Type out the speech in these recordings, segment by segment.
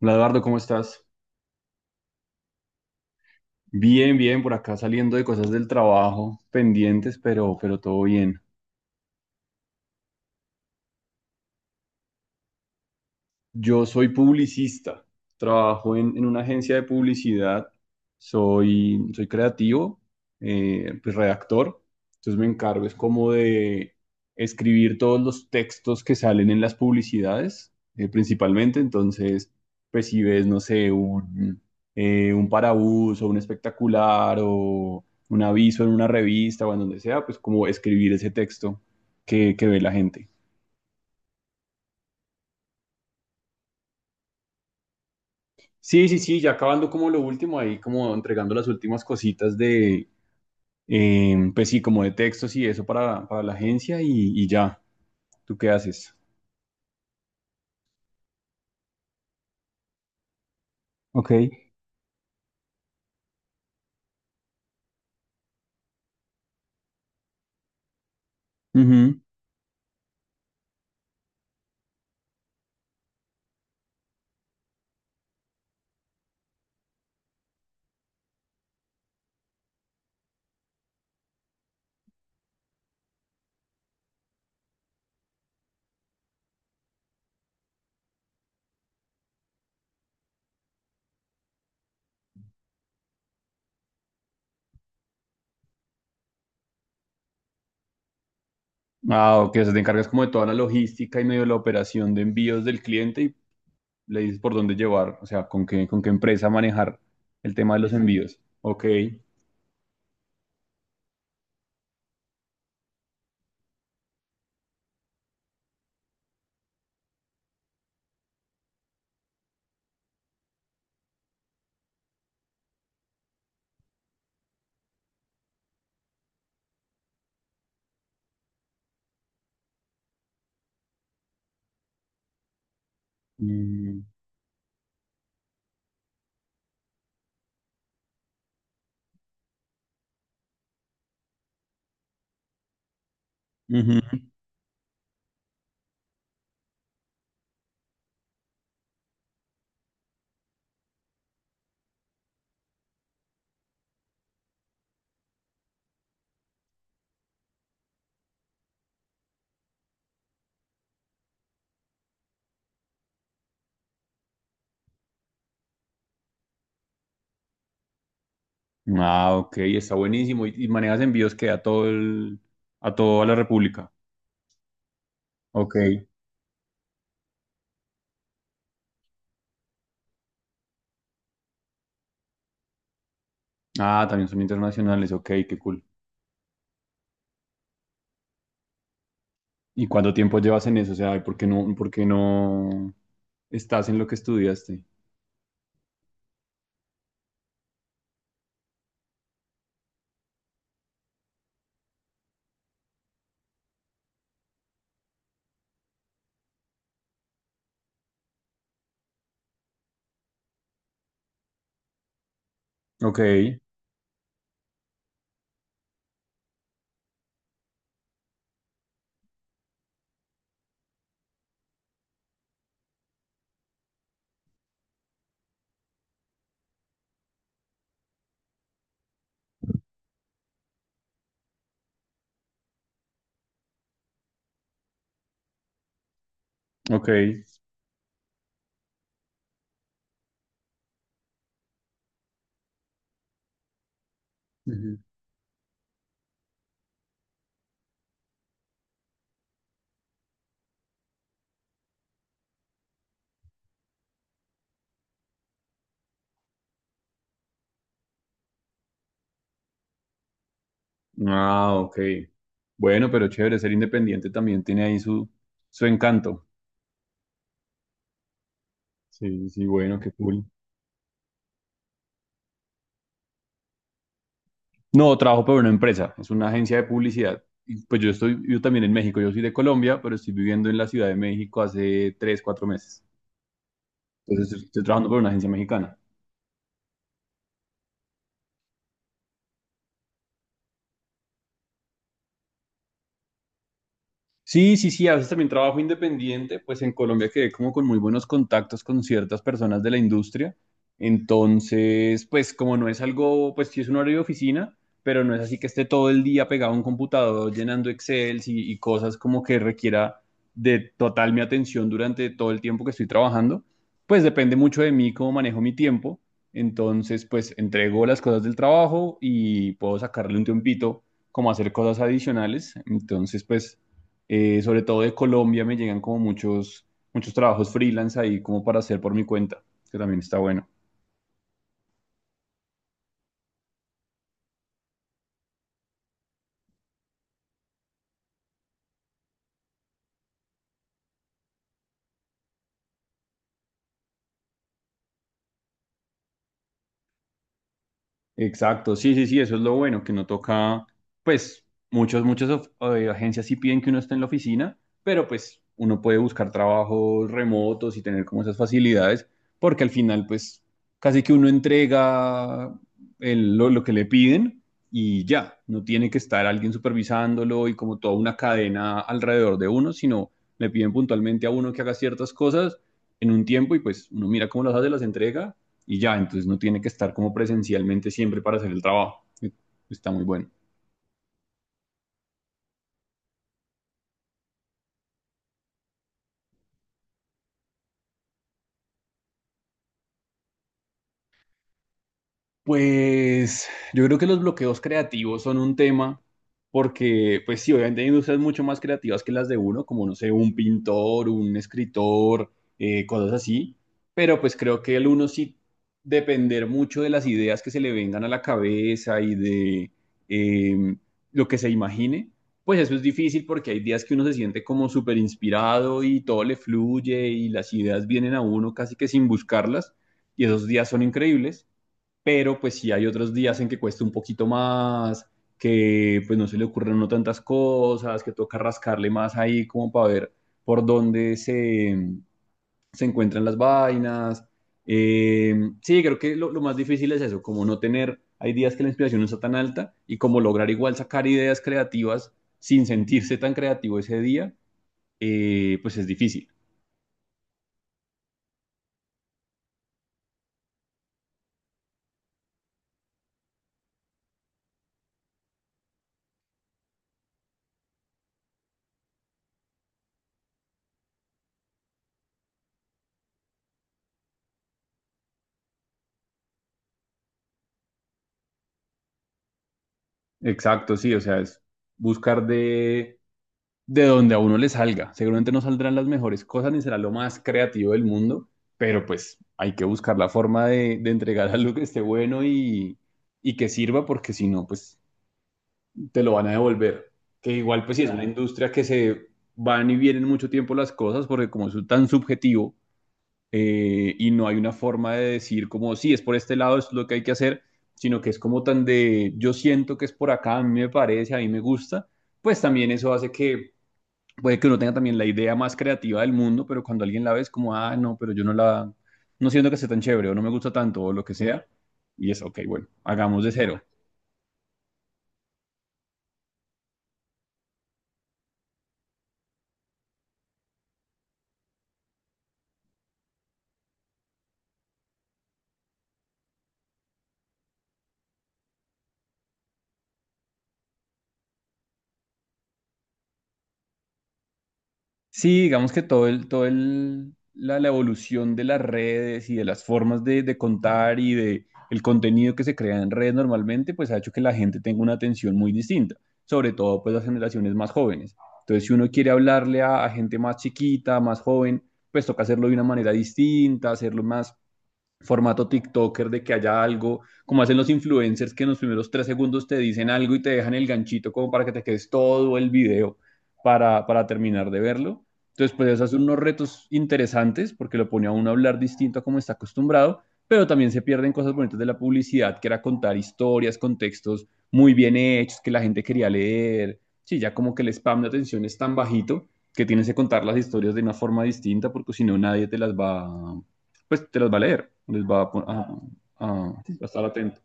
Hola, Eduardo, ¿cómo estás? Bien, bien, por acá saliendo de cosas del trabajo pendientes, pero todo bien. Yo soy publicista, trabajo en una agencia de publicidad, soy creativo, pues redactor, entonces me encargo es como de escribir todos los textos que salen en las publicidades, principalmente, entonces, pues si ves, no sé, un parabús o un espectacular o un aviso en una revista o en donde sea, pues como escribir ese texto que ve la gente. Sí, sí, sí, ya acabando como lo último ahí, como entregando las últimas cositas pues sí, como de textos y eso para la agencia y ya, ¿tú qué haces? Ok. Ujú. Ah, ok, o sea, te encargas como de toda la logística y medio la operación de envíos del cliente y le dices por dónde llevar, o sea, con qué empresa manejar el tema de los envíos. Ok. Mm, ujú. Ah, ok, está buenísimo. Y manejas envíos que a todo el, a toda la República? Ok. Ah, también son internacionales, ok, qué cool. ¿Y cuánto tiempo llevas en eso? O sea, ¿por qué no estás en lo que estudiaste? Ok, ok. Ujú. Ah, ok. Bueno, pero chévere, ser independiente también tiene ahí su, su encanto. Sí, sí, bueno, qué cool. No, trabajo para una empresa, es una agencia de publicidad. Y pues yo estoy, yo también en México, yo soy de Colombia, pero estoy viviendo en la Ciudad de México hace tres, cuatro meses. Entonces estoy trabajando para una agencia mexicana. Sí, sí, sí, a veces también trabajo independiente, pues en Colombia quedé como con muy buenos contactos con ciertas personas de la industria. Entonces, pues como no es algo, pues sí es un horario de oficina, pero no es así que esté todo el día pegado a un computador llenando Excel y cosas como que requiera de total mi atención durante todo el tiempo que estoy trabajando. Pues depende mucho de mí cómo manejo mi tiempo. Entonces, pues entrego las cosas del trabajo y puedo sacarle un tiempito como hacer cosas adicionales. Entonces, pues... sobre todo de Colombia me llegan como muchos trabajos freelance ahí como para hacer por mi cuenta, que también está bueno. Exacto, sí, sí, sí, eso es lo bueno, que no toca, pues muchas agencias sí piden que uno esté en la oficina, pero pues uno puede buscar trabajos remotos y tener como esas facilidades, porque al final pues casi que uno entrega lo que le piden y ya, no tiene que estar alguien supervisándolo y como toda una cadena alrededor de uno, sino le piden puntualmente a uno que haga ciertas cosas en un tiempo y pues uno mira cómo las hace, las entrega y ya, entonces no tiene que estar como presencialmente siempre para hacer el trabajo. Está muy bueno. Pues yo creo que los bloqueos creativos son un tema porque, pues sí, obviamente hay industrias mucho más creativas que las de uno, como, no sé, un pintor, un escritor, cosas así, pero pues creo que el uno sí depender mucho de las ideas que se le vengan a la cabeza y de eh, lo que se imagine, pues eso es difícil porque hay días que uno se siente como súper inspirado y todo le fluye y las ideas vienen a uno casi que sin buscarlas y esos días son increíbles, pero pues sí hay otros días en que cuesta un poquito más, que pues no se le ocurren no tantas cosas, que toca rascarle más ahí como para ver por se encuentran las vainas. Eh, sí, creo que más difícil es eso, como no tener, hay días que la inspiración no está tan alta y como lograr igual sacar ideas creativas sin sentirse tan creativo ese día, pues es difícil. Exacto, sí, o sea, es buscar de donde a uno le salga. Seguramente no saldrán las mejores cosas ni será lo más creativo del mundo, pero pues hay que buscar la forma de entregar algo que esté bueno y que sirva, porque si no, pues te lo van a devolver. Que igual, pues si es una Claro. industria que se van y vienen mucho tiempo las cosas, porque como es tan subjetivo, y no hay una forma de decir como, sí, es por este lado, es lo que hay que hacer, sino que es como tan de, yo siento que es por acá, a mí me parece, a mí me gusta, pues también eso hace que puede que uno tenga también la idea más creativa del mundo, pero cuando alguien la ve es como, ah, no, pero yo no la, no siento que sea tan chévere o no me gusta tanto o lo que sea. Y es, ok, bueno, hagamos de cero. Sí, digamos que la evolución de las redes y de las formas de contar y de el contenido que se crea en red normalmente, pues ha hecho que la gente tenga una atención muy distinta, sobre todo pues las generaciones más jóvenes. Entonces, si uno quiere hablarle a gente más chiquita, más joven, pues toca hacerlo de una manera distinta, hacerlo más formato TikToker de que haya algo, como hacen los influencers que en los primeros tres segundos te dicen algo y te dejan el ganchito como para que te quedes todo el video para terminar de verlo. Entonces, pues eso hace unos retos interesantes porque lo pone a uno a hablar distinto a como está acostumbrado, pero también se pierden cosas bonitas de la publicidad, que era contar historias, contextos muy bien hechos, que la gente quería leer. Sí, ya como que el spam de atención es tan bajito que tienes que contar las historias de una forma distinta porque si no nadie te las va, pues te las va a leer, les va a va a estar atento.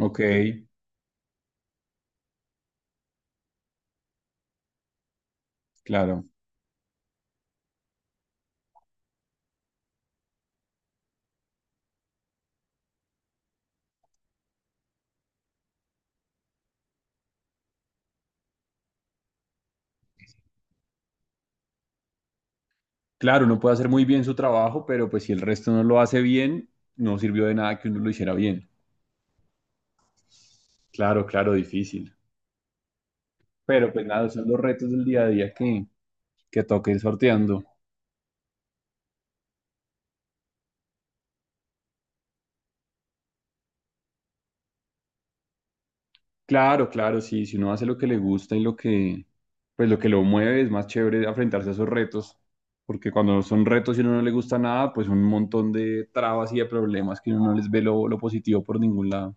Ok, claro. Claro, uno puede hacer muy bien su trabajo, pero pues si el resto no lo hace bien, no sirvió de nada que uno lo hiciera bien. Claro, claro, difícil. Pero pues nada, son los retos del día a día que toca ir sorteando. Claro, claro, sí, si uno hace lo que le gusta y lo pues lo que lo mueve, es más chévere enfrentarse a esos retos, porque cuando son retos y a uno no le gusta nada, pues un montón de trabas y de problemas que uno no les ve lo positivo por ningún lado.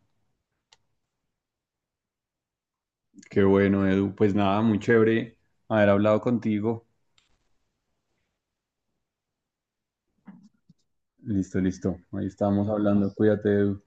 Qué bueno, Edu. Pues nada, muy chévere haber hablado contigo. Listo, listo. Ahí estamos hablando. Cuídate, Edu.